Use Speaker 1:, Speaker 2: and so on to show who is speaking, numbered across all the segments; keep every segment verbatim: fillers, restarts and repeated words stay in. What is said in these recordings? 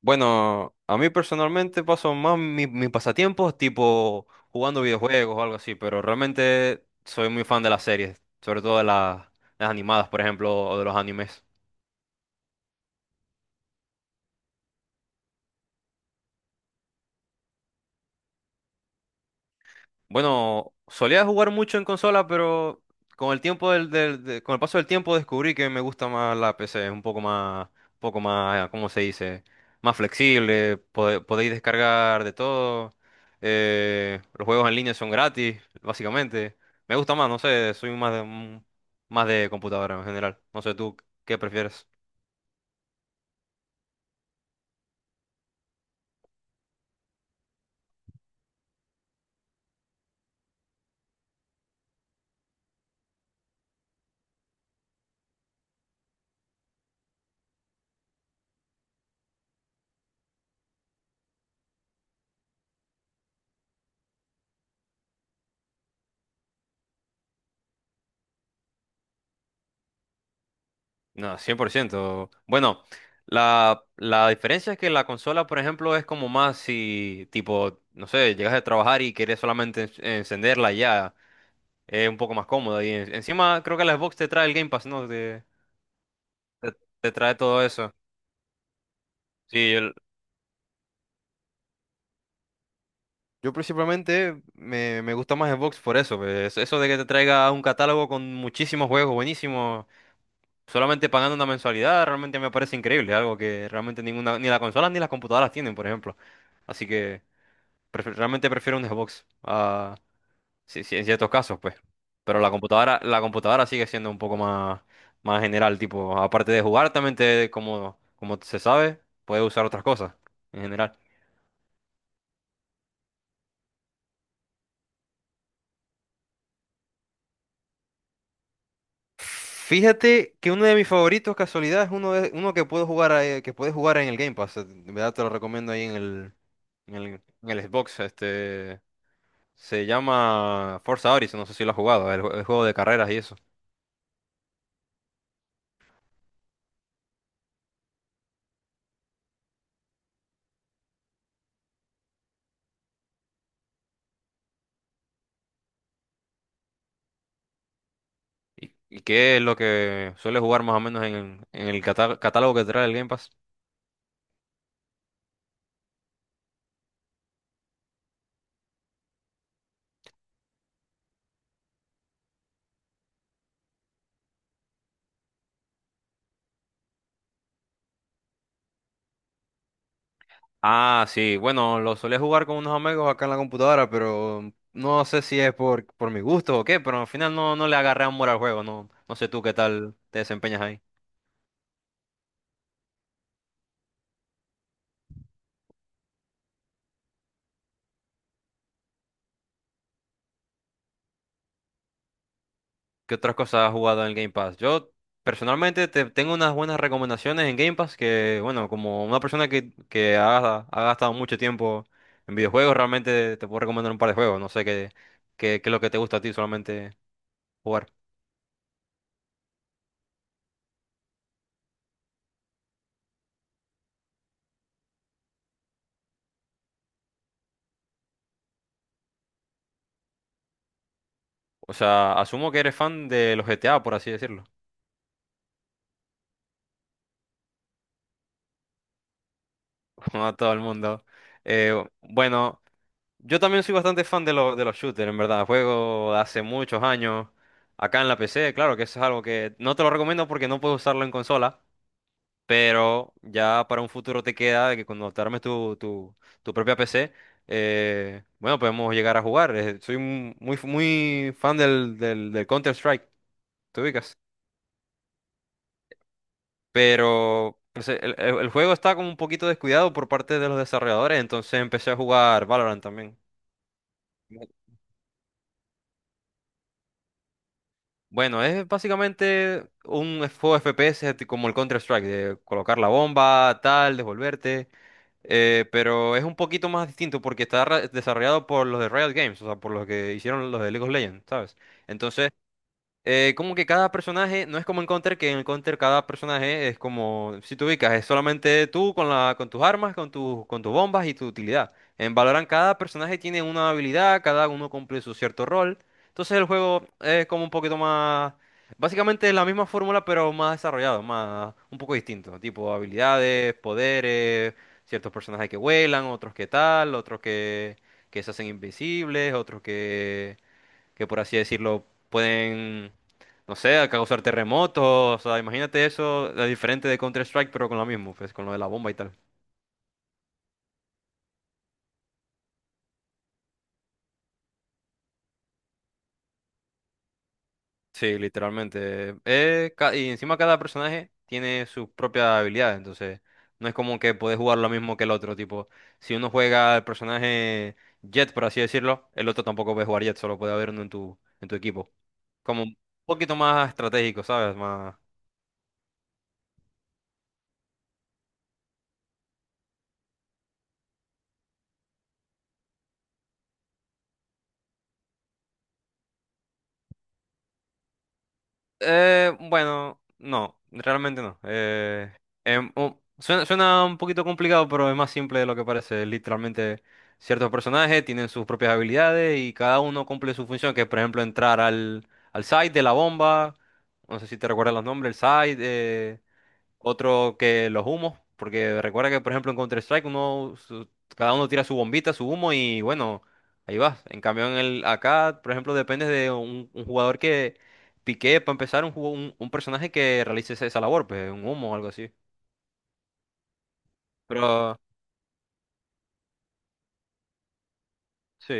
Speaker 1: Bueno, a mí personalmente paso más mi- mis pasatiempos tipo jugando videojuegos o algo así, pero realmente soy muy fan de las series, sobre todo de las, las animadas, por ejemplo, o de los animes. Bueno, solía jugar mucho en consola, pero con el tiempo del, del- de- con el paso del tiempo descubrí que me gusta más la P C, es un poco más, un poco más, ¿cómo se dice? Más flexible, pode- podéis descargar de todo. Eh, los juegos en línea son gratis, básicamente. Me gusta más, no sé, soy más de, más de computadora en general. No sé tú qué prefieres. No, cien por ciento. Bueno, la, la diferencia es que la consola, por ejemplo, es como más si, tipo, no sé, llegas de trabajar y quieres solamente en- encenderla y ya, es un poco más cómoda. Y en- encima creo que la Xbox te trae el Game Pass, ¿no? Te, te- Te trae todo eso. Sí, el- yo principalmente me, me gusta más Xbox por eso, pues, eso de que te traiga un catálogo con muchísimos juegos buenísimos, solamente pagando una mensualidad, realmente me parece increíble, algo que realmente ninguna, ni las consolas ni las computadoras tienen, por ejemplo. Así que... prefe- realmente prefiero un Xbox, ah, sí, sí, en ciertos casos, pues. Pero la computadora, la computadora sigue siendo un poco más, más general, tipo, aparte de jugar, también te, como, como se sabe, puedes usar otras cosas, en general. Fíjate que uno de mis favoritos, casualidad, es uno, de, uno que puedo jugar, eh, que puedes jugar en el Game Pass. eh, De verdad te lo recomiendo ahí en el, en el, en el Xbox. Este, se llama Forza Horizon, no sé si lo has jugado, el, jue- el juego de carreras y eso. ¿Y, y qué es lo que suele jugar más o menos en, en el catá- catálogo que trae el Game Pass? Ah, sí, bueno, lo solía jugar con unos amigos acá en la computadora, pero no sé si es por, por mi gusto o qué, pero al final no, no le agarré amor al juego, no, no sé tú qué tal te desempeñas ahí. ¿Qué otras cosas has jugado en el Game Pass? Yo personalmente te, tengo unas buenas recomendaciones en Game Pass que, bueno, como una persona que, que ha, ha gastado mucho tiempo en videojuegos, realmente te puedo recomendar un par de juegos, no sé qué, qué, qué es lo que te gusta a ti solamente jugar. O sea, asumo que eres fan de los G T A, por así decirlo, como a todo el mundo. Eh, bueno, yo también soy bastante fan de, lo- de los shooters, en verdad. Juego de hace muchos años acá en la P C, claro que eso es algo que no te lo recomiendo porque no puedes usarlo en consola, pero ya para un futuro te queda de que cuando te armes tu, tu, tu propia P C, eh, bueno, podemos llegar a jugar. Eh, soy un- muy, muy fan del, del, del Counter-Strike, ¿te ubicas? Pero pues, el, el- el juego está como un poquito descuidado por parte de los desarrolladores, entonces empecé a jugar Valorant también. Bueno, es básicamente un juego F P S ti- como el Counter-Strike, de colocar la bomba, tal, devolverte, eh, pero es un poquito más distinto porque está ra- desarrollado por los de Riot Games, o sea, por los que hicieron los de League of Legends, ¿sabes? Entonces, Eh, como que cada personaje, no es como en Counter, que en el Counter cada personaje es como, si te ubicas, es solamente tú con la, con tus armas, con tus, con tus bombas y tu utilidad. En Valorant cada personaje tiene una habilidad, cada uno cumple su cierto rol. Entonces el juego es como un poquito más, básicamente es la misma fórmula, pero más desarrollado, más, un poco distinto. Tipo habilidades, poderes, ciertos personajes que vuelan, otros que tal, otros que, que se hacen invisibles, otros que por así decirlo pueden, no sé, causar terremotos. O sea, imagínate eso, la diferente de Counter-Strike, pero con lo mismo, pues con lo de la bomba y tal. Sí, literalmente. Eh, ca- y encima cada personaje tiene sus propias habilidades, entonces no es como que podés jugar lo mismo que el otro. Tipo, si uno juega el personaje Jet, por así decirlo, el otro tampoco puede jugar Jet, solo puede haber uno en tu, en tu equipo. Como un poquito más estratégico, ¿sabes? Más. Eh, bueno, no, realmente no. Eh, em, u- suena, suena un poquito complicado, pero es más simple de lo que parece. Literalmente, ciertos personajes tienen sus propias habilidades y cada uno cumple su función, que es, por ejemplo, entrar al, al site de la bomba. No sé si te recuerdas los nombres, el site. Eh, otro que los humos, porque recuerda que, por ejemplo, en Counter-Strike uno, su- cada uno tira su bombita, su humo y bueno, ahí vas. En cambio, en el, acá, por ejemplo, depende de un, un jugador que pique para empezar un, jugo- un, un personaje que realice esa esa labor, pues un humo o algo así. Pero sí,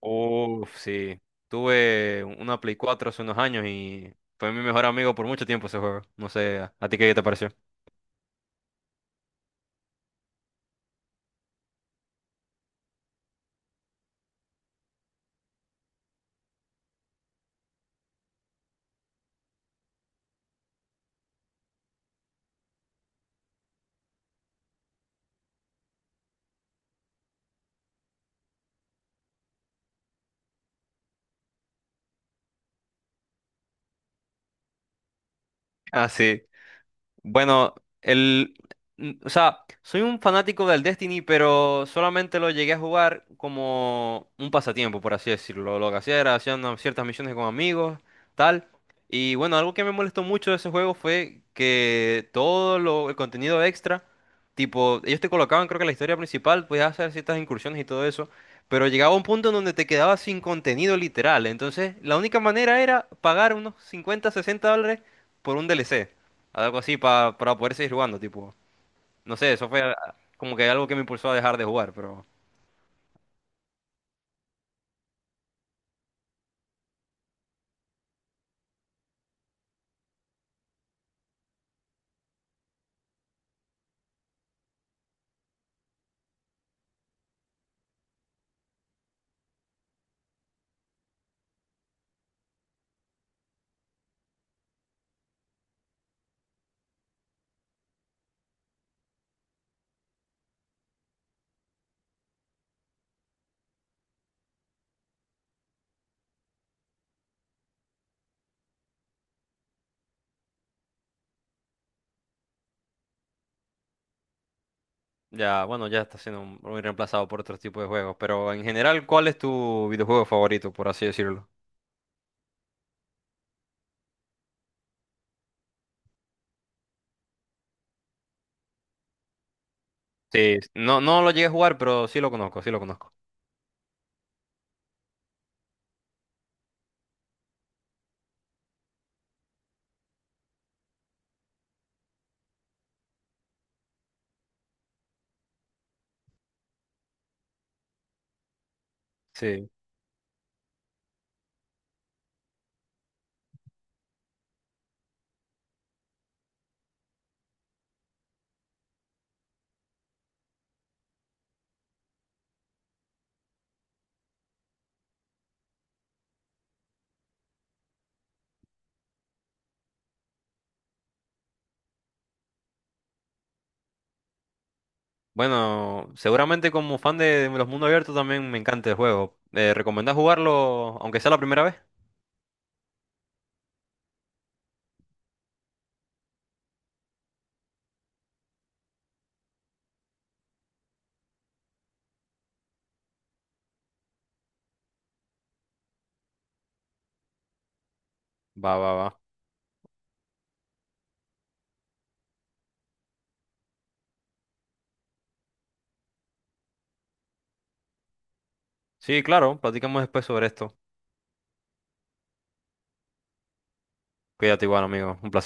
Speaker 1: uff, sí. Tuve una Play cuatro hace unos años y fue mi mejor amigo por mucho tiempo ese juego. No sé, ¿a ti qué te pareció? Ah, sí. Bueno, el, n- o sea, soy un fanático del Destiny, pero solamente lo llegué a jugar como un pasatiempo, por así decirlo. Lo que hacía era hacer unas ciertas misiones con amigos, tal. Y bueno, algo que me molestó mucho de ese juego fue que todo lo, el contenido extra, tipo, ellos te colocaban, creo que la historia principal, podías hacer ciertas incursiones y todo eso. Pero llegaba un punto en donde te quedabas sin contenido literal. Entonces, la única manera era pagar unos cincuenta sesenta dólares por un D L C. Algo así pa- para poder seguir jugando, tipo. No sé, eso fue ah, como que algo que me impulsó a dejar de jugar, pero ya, bueno, ya está siendo muy reemplazado por otros tipos de juegos. Pero en general, ¿cuál es tu videojuego favorito, por así decirlo? Sí, no, no lo llegué a jugar, pero sí lo conozco, sí lo conozco. Sí. Bueno, seguramente como fan de los mundos abiertos también me encanta el juego. Eh, ¿recomendás jugarlo aunque sea la primera vez? Va, va, va. Sí, claro, platicamos después sobre esto. Cuídate igual, amigo. Un placer.